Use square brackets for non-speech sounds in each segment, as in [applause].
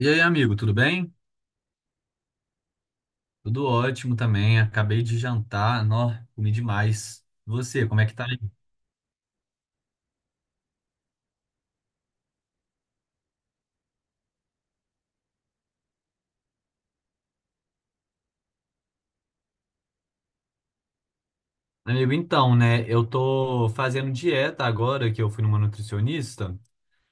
E aí, amigo, tudo bem? Tudo ótimo também. Acabei de jantar. Nó, comi demais. E você, como é que tá aí? Amigo, então, né? Eu tô fazendo dieta agora que eu fui numa nutricionista,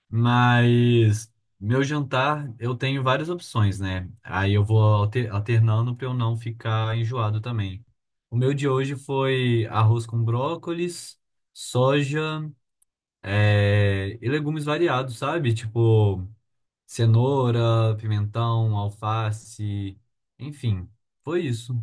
mas meu jantar eu tenho várias opções, né? Aí eu vou alternando pra eu não ficar enjoado também. O meu de hoje foi arroz com brócolis, soja, e legumes variados, sabe? Tipo, cenoura, pimentão, alface, enfim, foi isso.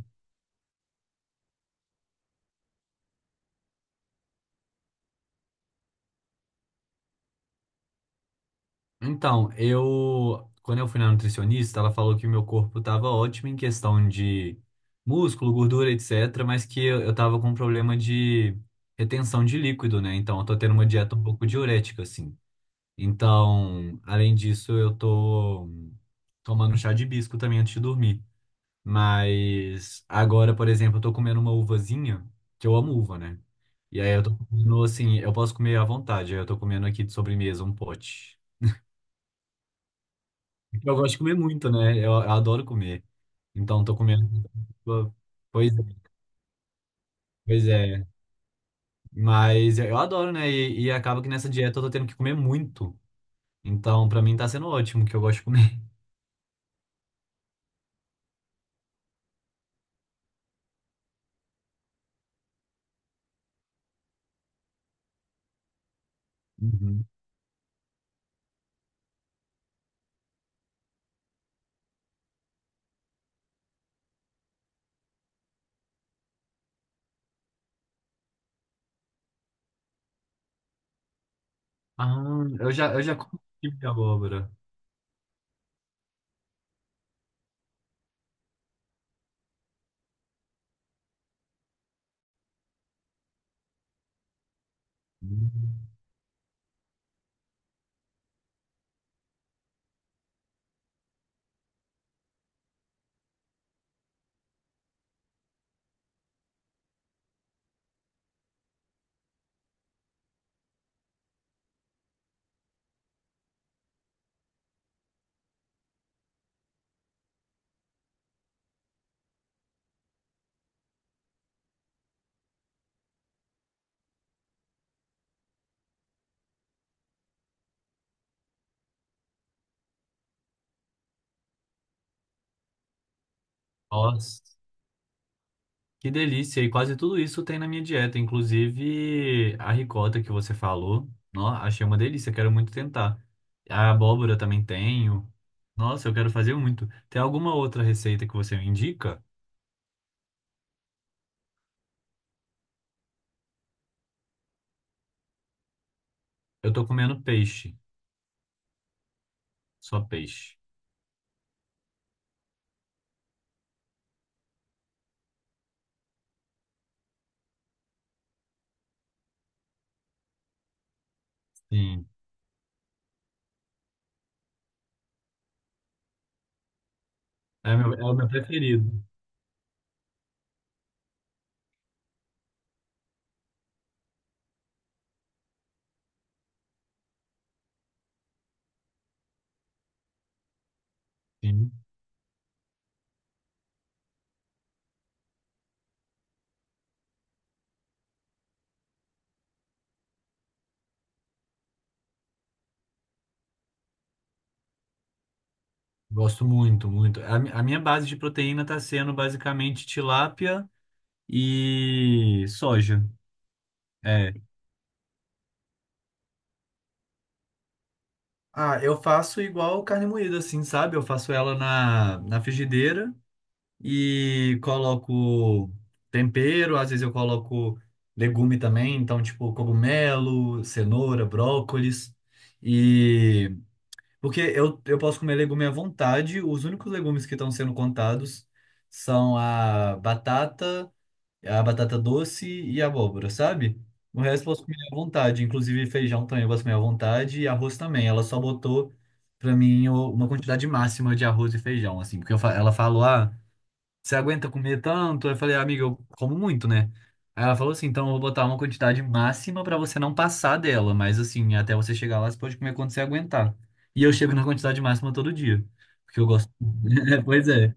Então, eu, quando eu fui na nutricionista, ela falou que o meu corpo estava ótimo em questão de músculo, gordura, etc., mas que eu tava com problema de retenção de líquido, né? Então, eu tô tendo uma dieta um pouco diurética, assim. Então, além disso, eu tô tomando chá de hibisco também antes de dormir. Mas agora, por exemplo, eu tô comendo uma uvazinha, que eu amo uva, né? E aí eu tô comendo assim, eu posso comer à vontade. Aí eu tô comendo aqui de sobremesa um pote. Eu gosto de comer muito, né? Eu adoro comer. Então tô comendo. Pois é, pois é. Mas eu adoro, né? E acaba que nessa dieta eu tô tendo que comer muito. Então, pra mim tá sendo ótimo que eu gosto de comer. [laughs] Uhum. Ah, eu já comi de abóbora. Uhum. Nossa. Que delícia! E quase tudo isso tem na minha dieta, inclusive a ricota que você falou. Nó, achei uma delícia, quero muito tentar. A abóbora também tenho. Nossa, eu quero fazer muito. Tem alguma outra receita que você me indica? Eu tô comendo peixe, só peixe. Sim, é o meu preferido. Sim, gosto muito, muito. A minha base de proteína tá sendo basicamente tilápia e soja. É, Ah, eu faço igual carne moída, assim, sabe? Eu faço ela na frigideira e coloco tempero, às vezes eu coloco legume também, então, tipo, cogumelo, cenoura, brócolis. E porque eu posso comer legume à vontade, os únicos legumes que estão sendo contados são a batata. É a batata doce e a abóbora, sabe? O resto eu posso comer à vontade, inclusive feijão também eu posso comer à vontade e arroz também. Ela só botou pra mim uma quantidade máxima de arroz e feijão, assim, porque ela falou: "Ah, você aguenta comer tanto?" Eu falei: "Amiga, eu como muito, né?" Aí ela falou assim: "Então eu vou botar uma quantidade máxima pra você não passar dela, mas assim, até você chegar lá você pode comer quando você aguentar." E eu chego na quantidade máxima todo dia, porque eu gosto. [laughs] Pois é.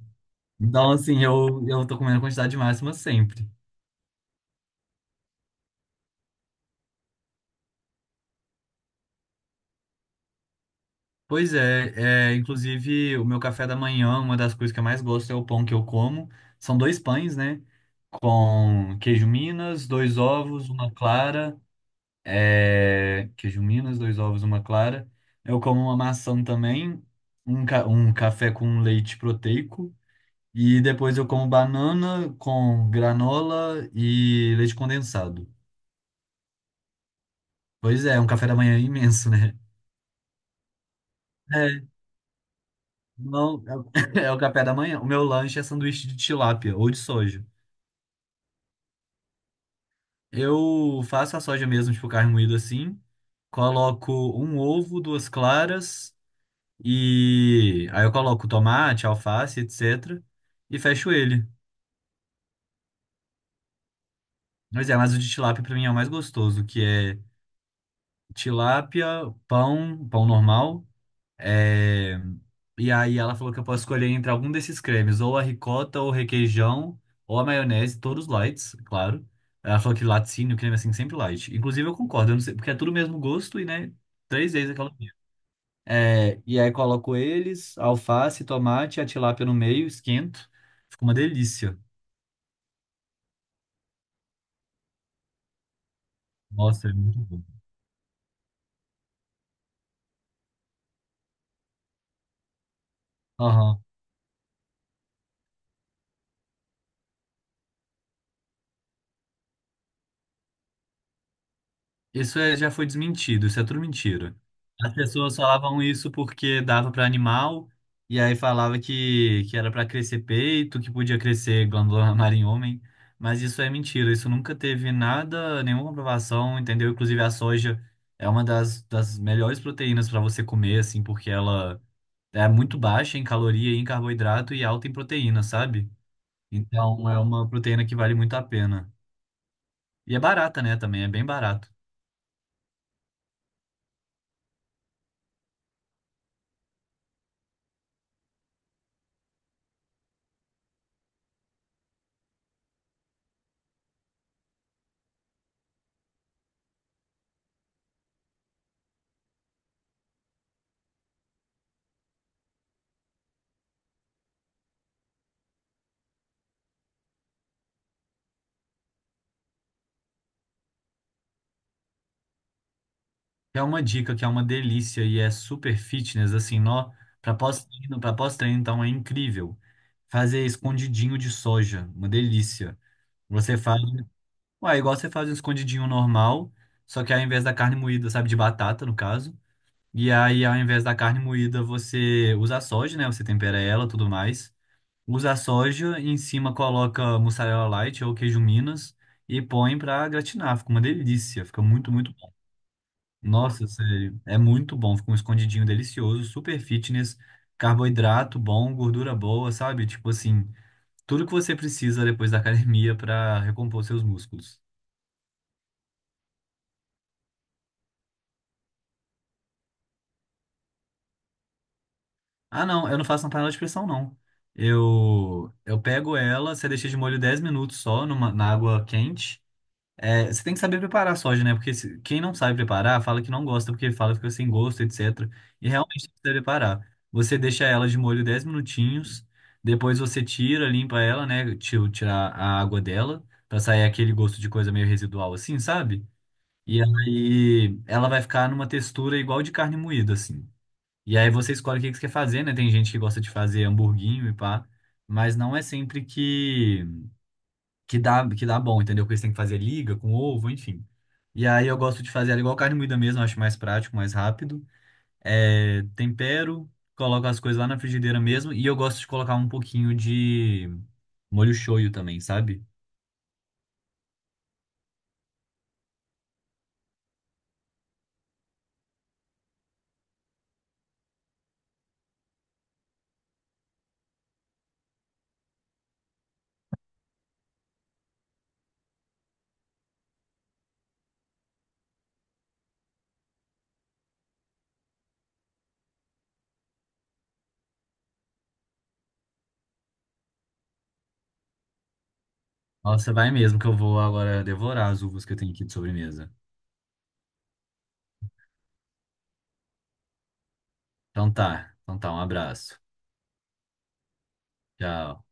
Então assim, eu tô comendo a quantidade máxima sempre. Pois é, inclusive o meu café da manhã, uma das coisas que eu mais gosto é o pão que eu como. São dois pães, né? Com queijo Minas, dois ovos, uma clara. É, queijo Minas, dois ovos, uma clara. Eu como uma maçã também, um café com leite proteico. E depois eu como banana com granola e leite condensado. Pois é, é um café da manhã é imenso, né? É, Não, é o [laughs] é o café da manhã. O meu lanche é sanduíche de tilápia ou de soja. Eu faço a soja mesmo, tipo carne moída assim. Coloco um ovo, duas claras e aí eu coloco tomate, alface, etc. E fecho ele. Mas o de tilápia pra mim é o mais gostoso, que é tilápia, pão normal. É, E aí ela falou que eu posso escolher entre algum desses cremes, ou a ricota, ou o requeijão, ou a maionese, todos lights, claro. Ela falou que laticínio, creme assim, sempre light. Inclusive eu concordo, eu não sei, porque é tudo o mesmo gosto e, né, três vezes aquela minha. E aí coloco eles, alface, tomate, a tilápia no meio, esquento. Fica uma delícia. Nossa, é muito bom. Aham. Já foi desmentido, isso é tudo mentira. As pessoas falavam isso porque dava para animal, e aí falava que era para crescer peito, que podia crescer glândula [laughs] mamária em homem, mas isso é mentira, isso nunca teve nada, nenhuma comprovação, entendeu? Inclusive a soja é uma das melhores proteínas para você comer, assim, porque ela é muito baixa em caloria e em carboidrato e alta em proteína, sabe? Então é uma proteína que vale muito a pena. E é barata, né, também, é bem barato. É uma dica que é uma delícia e é super fitness, assim, nó, para pós-treino, então é incrível. Fazer escondidinho de soja, uma delícia. Você faz, ué, igual você faz um escondidinho normal, só que ao invés da carne moída, sabe, de batata, no caso, e aí ao invés da carne moída, você usa a soja, né? Você tempera ela, tudo mais. Usa a soja, em cima coloca mussarela light ou queijo Minas e põe pra gratinar. Fica uma delícia, fica muito, muito, nossa, sério, é muito bom. Fica um escondidinho delicioso, super fitness, carboidrato bom, gordura boa, sabe? Tipo assim, tudo que você precisa depois da academia pra recompor seus músculos. Ah, não, eu não faço na panela de pressão, não. Eu pego ela, você deixa de molho 10 minutos só na água quente. É, você tem que saber preparar a soja, né? Porque quem não sabe preparar, fala que não gosta, porque fala que fica sem gosto, etc. E realmente tem que saber preparar. Você deixa ela de molho 10 minutinhos, depois você tira, limpa ela, né? Tirar a água dela, pra sair aquele gosto de coisa meio residual assim, sabe? E aí ela vai ficar numa textura igual de carne moída, assim. E aí você escolhe o que que você quer fazer, né? Tem gente que gosta de fazer hamburguinho e pá, mas não é sempre que dá bom, entendeu? Porque eles têm que fazer liga com ovo, enfim. E aí eu gosto de fazer ela igual carne moída mesmo, acho mais prático, mais rápido. É, tempero, coloco as coisas lá na frigideira mesmo. E eu gosto de colocar um pouquinho de molho shoyu também, sabe? Nossa, vai mesmo que eu vou agora devorar as uvas que eu tenho aqui de sobremesa. Então tá, um abraço. Tchau.